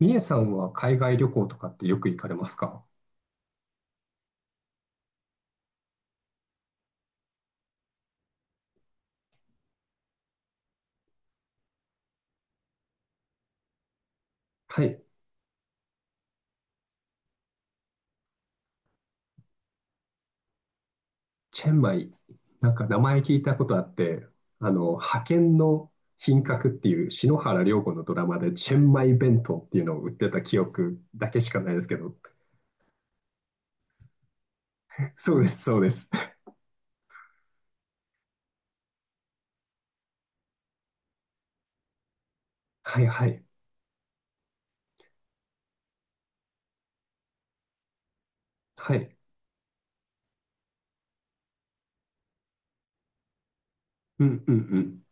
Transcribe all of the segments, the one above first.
みえさんは海外旅行とかってよく行かれますか？はい。チェンマイ。なんか名前聞いたことあって、派遣の品格っていう篠原涼子のドラマでチェンマイ弁当っていうのを売ってた記憶だけしかないですけど。そうです、そうです。はいはい。はい。うんうんうん。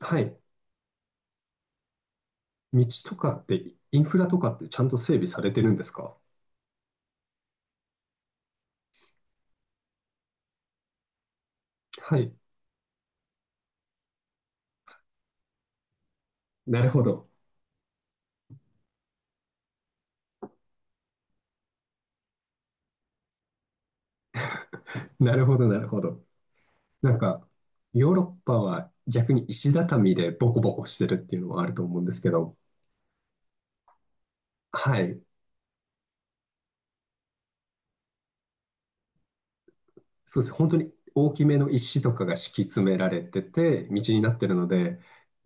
はい。道とかって、インフラとかってちゃんと整備されてるんですか？はい。なるほど。なるほど、なるほど。なんか、ヨーロッパは逆に石畳でボコボコしてるっていうのはあると思うんですけど、はい、そうです。本当に大きめの石とかが敷き詰められてて、道になってるので、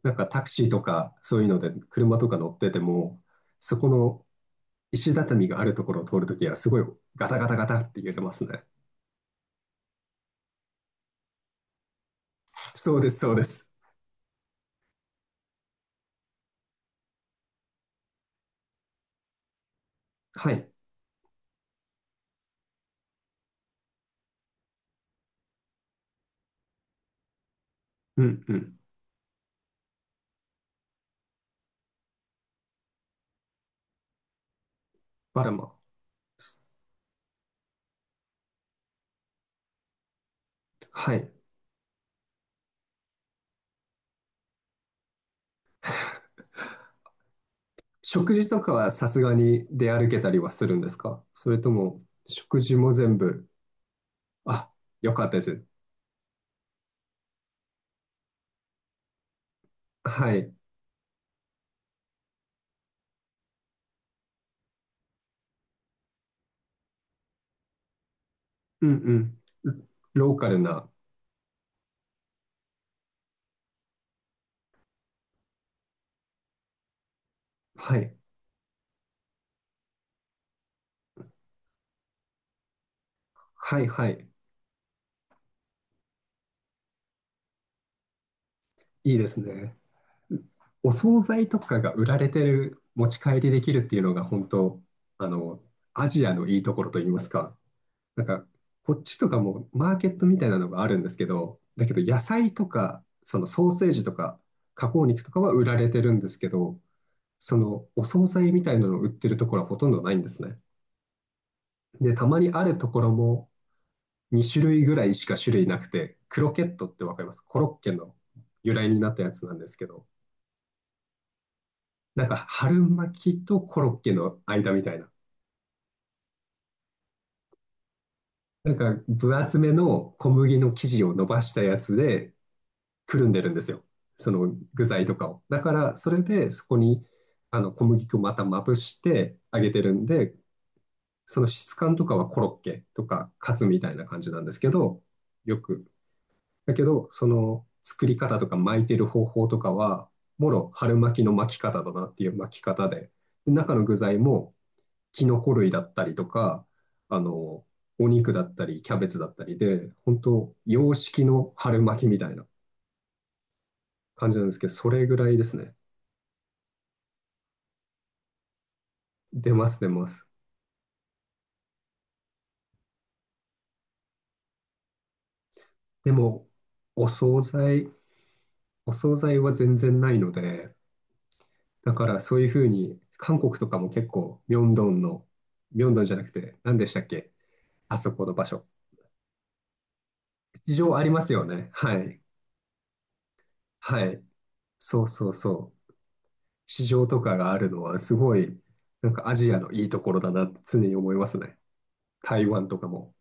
なんかタクシーとかそういうので車とか乗ってても、そこの石畳があるところを通るときはすごいガタガタガタって揺れますね。そうです、そうです。はい。うんうん。バラマ。はい。食事とかはさすがに出歩けたりはするんですか？それとも、食事も全部、あ、よかったです。はい。うんうん。ローカルな。はい。はいはい。いいですね。お惣菜とかが売られてる、持ち帰りできるっていうのが本当、あの、アジアのいいところといいますか。なんか、こっちとかもマーケットみたいなのがあるんですけど、だけど野菜とか、そのソーセージとか、加工肉とかは売られてるんですけど、そのお惣菜みたいなのを売ってるところはほとんどないんですね。で、たまにあるところも2種類ぐらいしか種類なくて、クロケットってわかりますコロッケの由来になったやつなんですけど、なんか春巻きとコロッケの間みたいな。なんか分厚めの小麦の生地を伸ばしたやつでくるんでるんですよ。その具材とかを。だからそれでそこにあの小麦粉をまたまぶして揚げてるんで、その質感とかはコロッケとかカツみたいな感じなんですけど、よく。だけど、その作り方とか巻いてる方法とかは、もろ春巻きの巻き方だなっていう巻き方で、で中の具材もキノコ類だったりとか、あの、お肉だったり、キャベツだったりで、本当洋式の春巻きみたいな感じなんですけど、それぐらいですね。出ます、出ます。でも、お惣菜、お惣菜は全然ないので、だからそういうふうに、韓国とかも結構、ミョンドンの、ミョンドンじゃなくて、何でしたっけ？あそこの場所。市場ありますよね。はい。はい。そうそうそう。市場とかがあるのは、すごい、なんかアジアのいいところだなって常に思いますね。台湾とかも。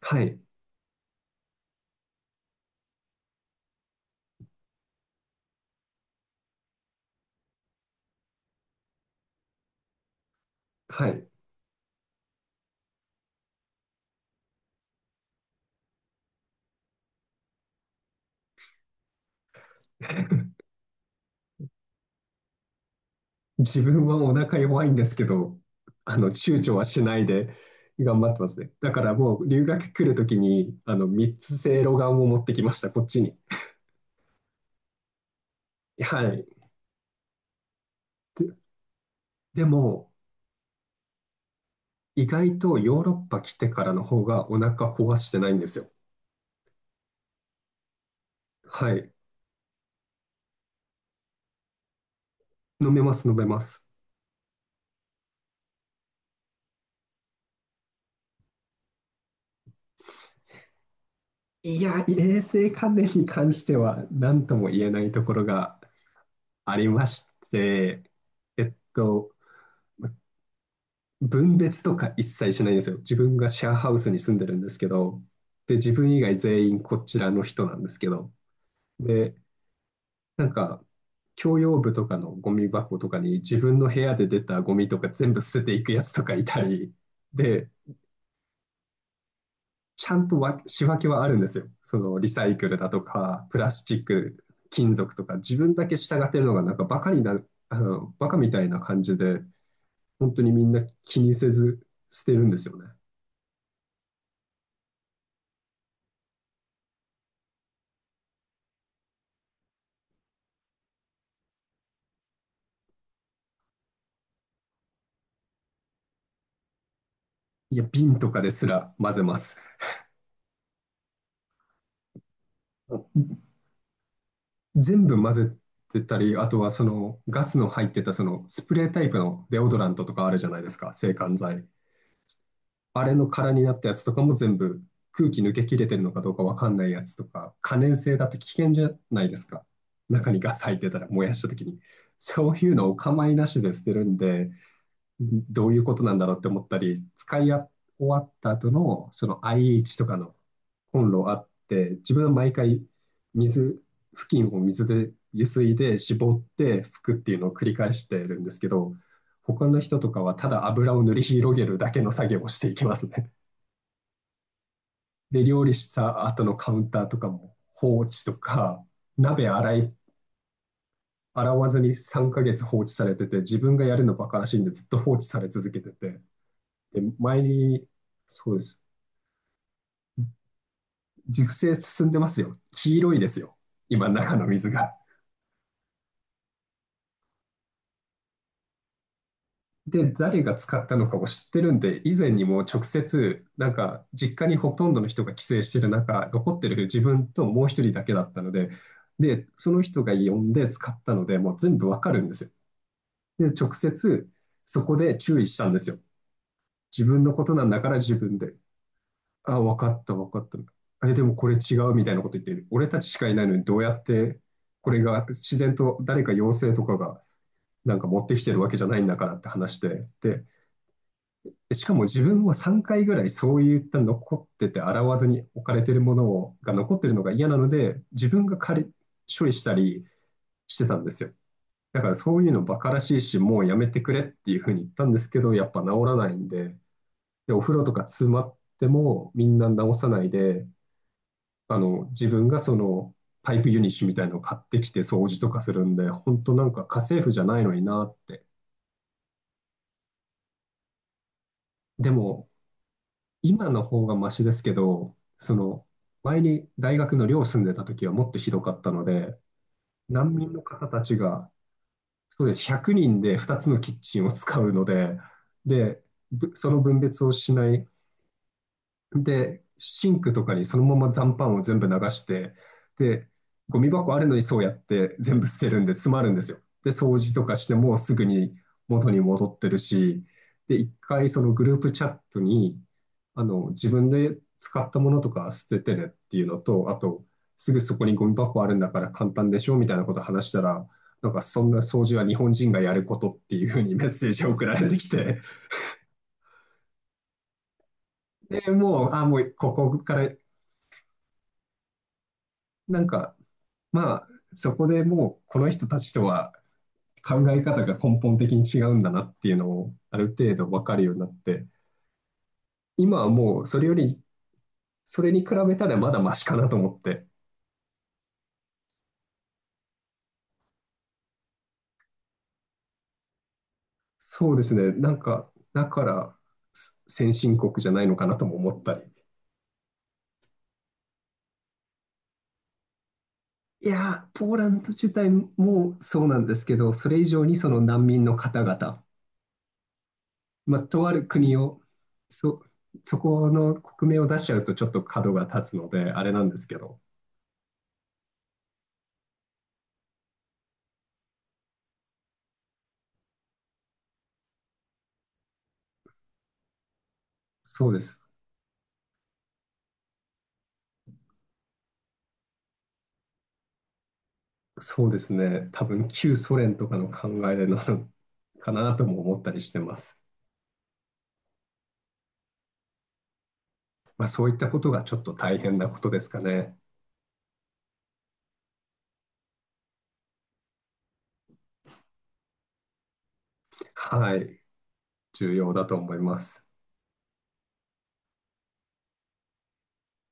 はい。はい。自分はお腹弱いんですけど、躊躇はしないで頑張ってますね。だからもう留学来るときに、三つせいろがんを持ってきました、こっちに。はい。でも、意外とヨーロッパ来てからの方がお腹壊してないんですよ。はい。飲めます、飲めます。いや、衛生関連に関しては何とも言えないところがありまして、えっと、分別とか一切しないんですよ。自分がシェアハウスに住んでるんですけど、で、自分以外全員こちらの人なんですけど、で、なんか、共用部とかのゴミ箱とかに自分の部屋で出たゴミとか全部捨てていくやつとかいたり、で、ちゃんと仕分けはあるんですよ。そのリサイクルだとか、プラスチック、金属とか、自分だけ従ってるのがなんかバカになる、バカみたいな感じで、本当にみんな気にせず捨てるんですよね。いや、瓶とかですら混ぜます。全部混ぜてたり、あとはそのガスの入ってたそのスプレータイプのデオドラントとかあるじゃないですか、制汗剤。あれの空になったやつとかも全部空気抜け切れてるのかどうかわかんないやつとか、可燃性だって危険じゃないですか。中にガス入ってたら燃やした時に。そういうのをお構いなしで捨てるんで、どういうことなんだろうって思ったり、使い終わった後のその IH とかのコンロあって、自分は毎回水、布巾を水で湯水で絞って拭くっていうのを繰り返してるんですけど、他の人とかはただ油を塗り広げるだけの作業をしていきますね。で、料理した後のカウンターとかも放置とか、鍋洗い、洗わずに3ヶ月放置されてて、自分がやるのバカらしいんでずっと放置され続けてて、で、前に、そうです。熟成進んでますよ。黄色いですよ。今、中の水が。で、誰が使ったのかを知ってるんで、以前にも直接、なんか、実家にほとんどの人が帰省してる中、残ってる自分ともう一人だけだったので、で、その人が呼んで使ったので、もう全部わかるんですよ。で、直接そこで注意したんですよ。自分のことなんだから自分で。あ、分かった、分かった。え、でもこれ違うみたいなこと言ってる。俺たちしかいないのにどうやってこれが自然と誰か妖精とかがなんか持ってきてるわけじゃないんだからって話で。で、しかも自分は3回ぐらいそういった残ってて洗わずに置かれてるものをが残ってるのが嫌なので自分が借り処理したりしてたんですよ。だからそういうのバカらしいし、もうやめてくれっていうふうに言ったんですけど、やっぱ治らないんで、で、お風呂とか詰まってもみんな治さないで、自分がそのパイプユニッシュみたいのを買ってきて掃除とかするんで、本当なんか家政婦じゃないのになって。でも、今の方がマシですけど、その、前に大学の寮住んでた時はもっとひどかったので、難民の方たちが、そうです、100人で2つのキッチンを使うので、で、その分別をしないで、シンクとかにそのまま残飯を全部流して、で、ゴミ箱あるのにそうやって全部捨てるんで詰まるんですよ。で、掃除とかしてもすぐに元に戻ってるし、で、一回そのグループチャットに、自分で使ったものとか捨ててねっていうのと、あと、すぐそこにゴミ箱あるんだから簡単でしょみたいなこと話したら、なんかそんな掃除は日本人がやることっていうふうにメッセージを送られてきて、で、もう、あ、もうここから、なんかまあ、そこでもうこの人たちとは考え方が根本的に違うんだなっていうのをある程度分かるようになって、今はもうそれより、それに比べたらまだマシかなと思って、そうですね、なんか、だから先進国じゃないのかなとも思ったり。いやー、ポーランド自体もそうなんですけど、それ以上にその難民の方々、まあ、とある国を、そ、そこの国名を出しちゃうとちょっと角が立つので、あれなんですけど、そうです。そうですね。多分旧ソ連とかの考えなの かなとも思ったりしてます。まあ、そういったことがちょっと大変なことですかね。はい。重要だと思います。